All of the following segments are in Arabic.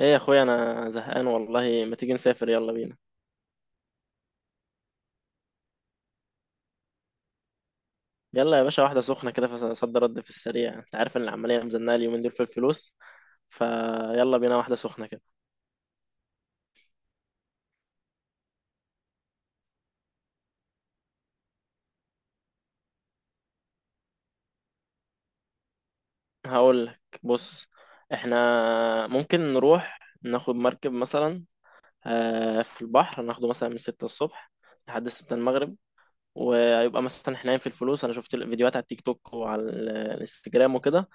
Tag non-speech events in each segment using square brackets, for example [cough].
ايه يا اخويا، انا زهقان والله. ما تيجي نسافر؟ يلا بينا. يلا يا باشا، واحده سخنه كده، فصد رد في السريع. انت عارف ان العمليه مزنقه اليومين دول في الفلوس. فيلا بينا واحده سخنه كده. هقول لك بص، احنا ممكن نروح ناخد مركب مثلا. في البحر ناخده مثلا من 6 الصبح لحد 6 المغرب. ويبقى مثلا احنا في الفلوس. انا شفت الفيديوهات على التيك توك وعلى الانستجرام وكده.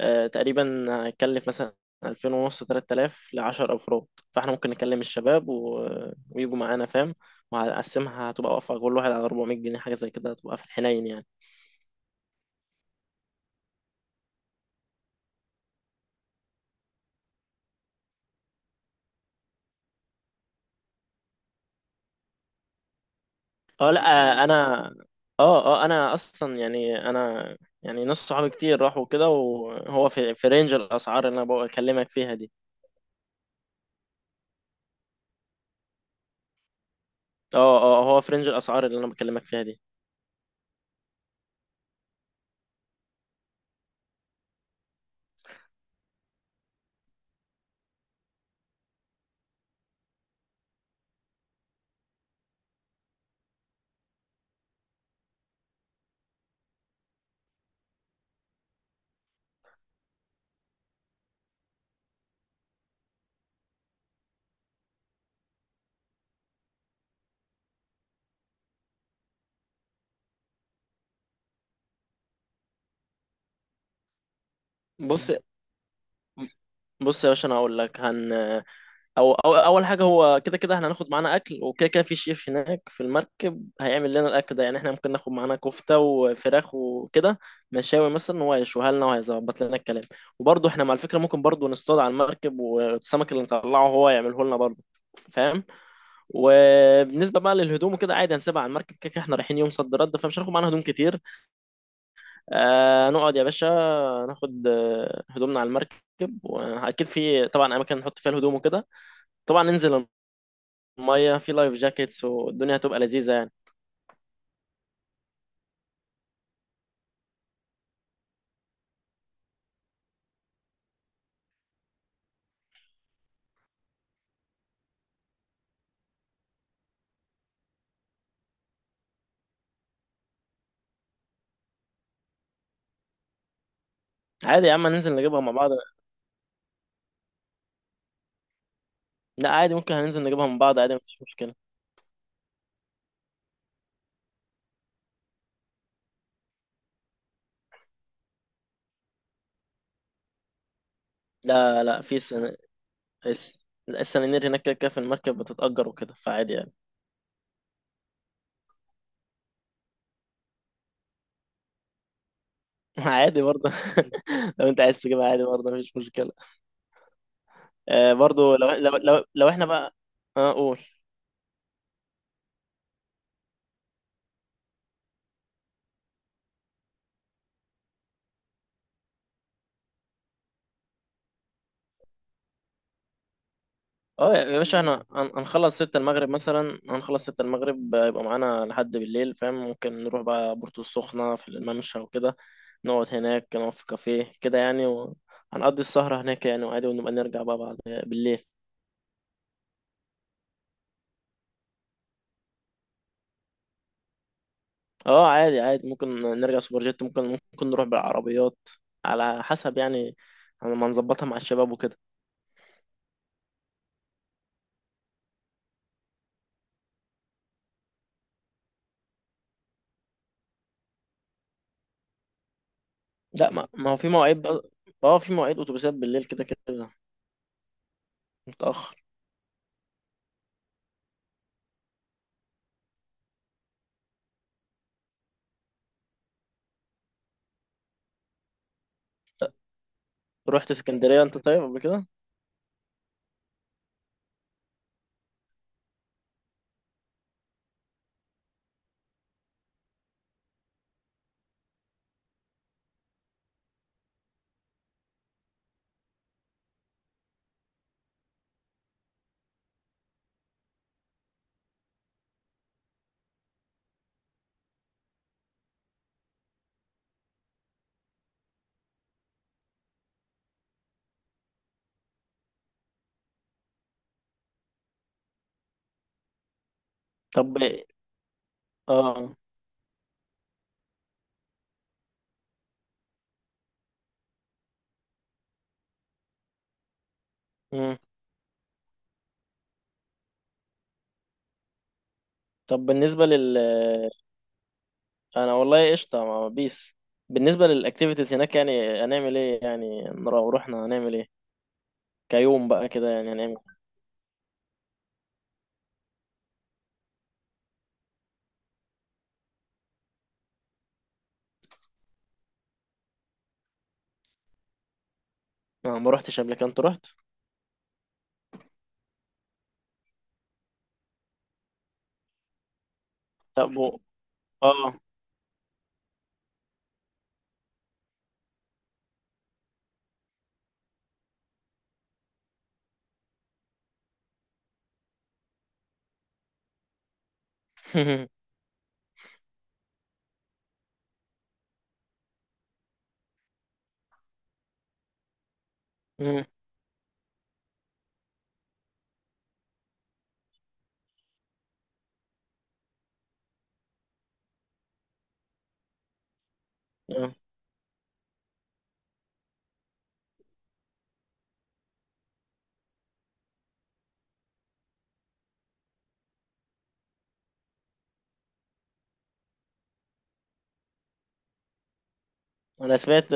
تقريبا هيكلف مثلا 2000 ونص، 3000 ل 10 أفراد. فاحنا ممكن نكلم الشباب ويجوا معانا، فاهم. وهقسمها هتبقى واقفة كل واحد على 400 جنيه حاجة زي كده، هتبقى في الحنين يعني. اه، لا، حلو. انا، اه، اه، انا اصلا، يعني، انا يعني ناس صحابي كتير راحوا كده، وهو في رينج الاسعار اللي انا بكلمك فيها دي. اه، اه، هو في رينج الاسعار اللي انا بكلمك فيها دي. بص، بص يا باشا، انا هقول لك او اول حاجه، هو كده كده احنا هناخد معانا اكل وكده. كده في شيف هناك في المركب هيعمل لنا الاكل ده. يعني احنا ممكن ناخد معانا كفته وفراخ وكده، مشاوي مثلا، هو هيشويها لنا وهيظبط لنا الكلام. وبرضه احنا مع الفكره ممكن برضه نصطاد على المركب، والسمك اللي نطلعه هو يعمله لنا برضه، فاهم. وبالنسبه بقى للهدوم وكده عادي هنسيبها على المركب، كده كده احنا رايحين يوم صد رد، فمش هناخد معانا هدوم كتير. آه نقعد يا باشا، ناخد هدومنا على المركب. واكيد في طبعا اماكن نحط فيها الهدوم وكده. طبعا ننزل ميه في لايف جاكيتس والدنيا هتبقى لذيذه يعني. عادي يا عم، ننزل نجيبها مع بعض. لا عادي، ممكن هننزل نجيبها مع بعض، عادي مفيش مشكله. لا، لا، في الس... السنانير هناك كده كده في المركب بتتأجر وكده، فعادي يعني. [laughs] عادي برضه. [laughs] لو انت عايز تجيبها، عادي برضه، مفيش مشكله. آه برضه لو احنا بقى. اه، قول. اه يا باشا، احنا هنخلص ستة المغرب مثلا، هنخلص ستة المغرب، يبقى معانا لحد بالليل، فاهم. ممكن نروح بقى بورتو السخنة في الممشى وكده، نقعد هناك، نقعد في كافيه كده يعني، وهنقضي السهرة هناك يعني، وعادي، ونبقى نرجع بقى بعد بالليل. اه عادي، عادي، ممكن نرجع سوبر جيت، ممكن نروح بالعربيات، على حسب يعني، ما نظبطها مع الشباب وكده. لا، ما هو في مواعيد بقى. اه، في مواعيد اتوبيسات بالليل، كده كده متأخر. رحت اسكندرية انت طيب قبل كده؟ طب، اه، مم. طب، بالنسبة أنا والله قشطة مع بيس. بالنسبة للأكتيفيتيز هناك، يعني هنعمل إيه؟ يعني رحنا هنعمل إيه؟ كيوم بقى كده يعني هنعمل. أنا ما روحتش قبل كده، أنت رحت؟ لا، آه. [laughs] مم. آه. أنا سمعت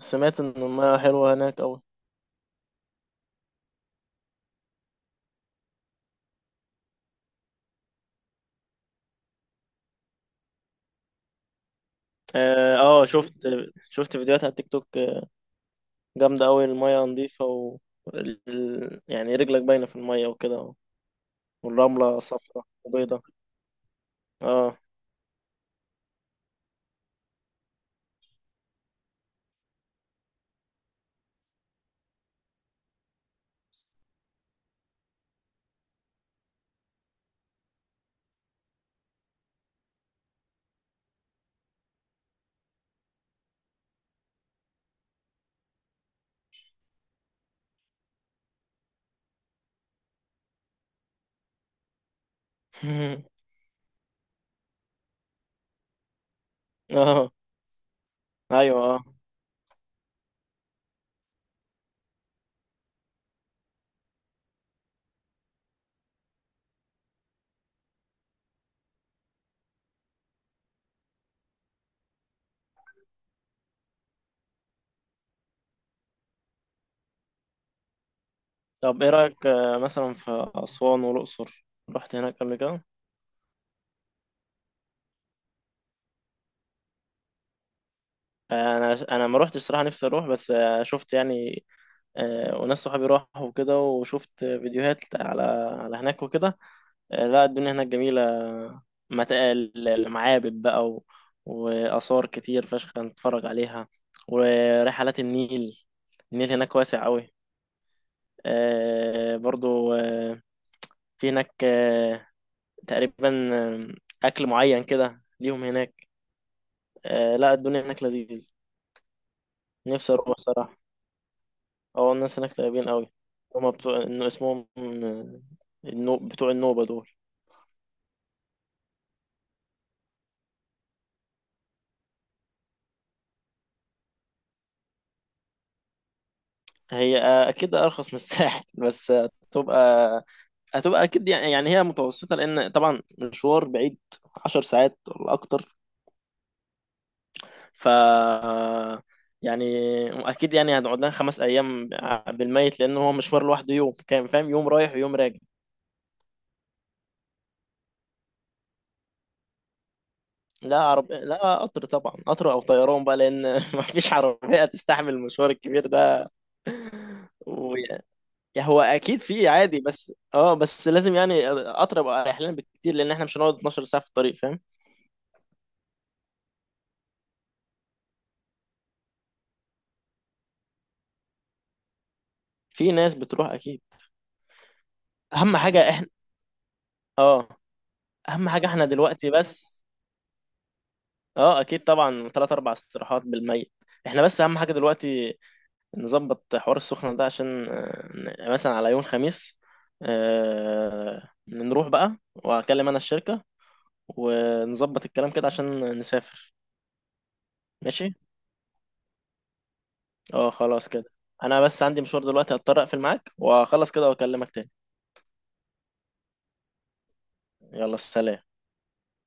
سمعت إن المياه حلوة هناك أوي. آه، شفت فيديوهات على التيك توك. جامدة أوي، المياه نظيفة، و يعني رجلك باينة في المياه وكده. والرملة صفرا وبيضة. آه. [laughs] آه. أيوه، آه. طب ايه رأيك مثلا في أسوان والأقصر، رحت هناك قبل كده؟ انا ما روحتش صراحة، نفسي اروح بس. شفت يعني، وناس صحابي راحوا وكده، وشفت فيديوهات على هناك وكده. آه، لا، الدنيا هناك جميلة. المعابد بقى وآثار كتير فشخ نتفرج عليها، ورحلات النيل. النيل هناك واسع قوي. برضو، في هناك، تقريبا، أكل معين كده ليهم هناك. آه، لا، الدنيا هناك لذيذ. نفسي اروح صراحة. اه، الناس هناك طيبين قوي. هما بتوع، انه اسمهم، بتوع النوبة دول. هي، اكيد ارخص من [laughs] الساحل، بس هتبقى اكيد يعني هي متوسطة، لان طبعا مشوار بعيد. 10 ساعات ولا اكتر، ف، يعني، اكيد يعني هنقعد لنا 5 ايام بالميت، لان هو مشوار لوحده يوم كام، فاهم، يوم رايح ويوم راجع. لا قطر، طبعا قطر او طيران بقى، لان [laughs] ما فيش عربيه تستحمل المشوار الكبير ده. ويعني، هو اكيد في عادي، بس اه، بس لازم يعني قطر يبقى اريح لنا بكتير، لان احنا مش هنقعد 12 ساعه في الطريق، فاهم. في ناس بتروح اكيد. اهم حاجه احنا اه اهم حاجه احنا دلوقتي بس. اه اكيد طبعا، ثلاث اربع استراحات بالميت. احنا بس، اهم حاجه دلوقتي نظبط حوار السخنة ده، عشان مثلا على يوم خميس، نروح بقى، وهكلم أنا الشركة، ونظبط الكلام كده عشان نسافر. ماشي. اه خلاص كده. أنا بس عندي مشوار دلوقتي، هضطر أقفل معاك وأخلص كده وأكلمك تاني. يلا سلام.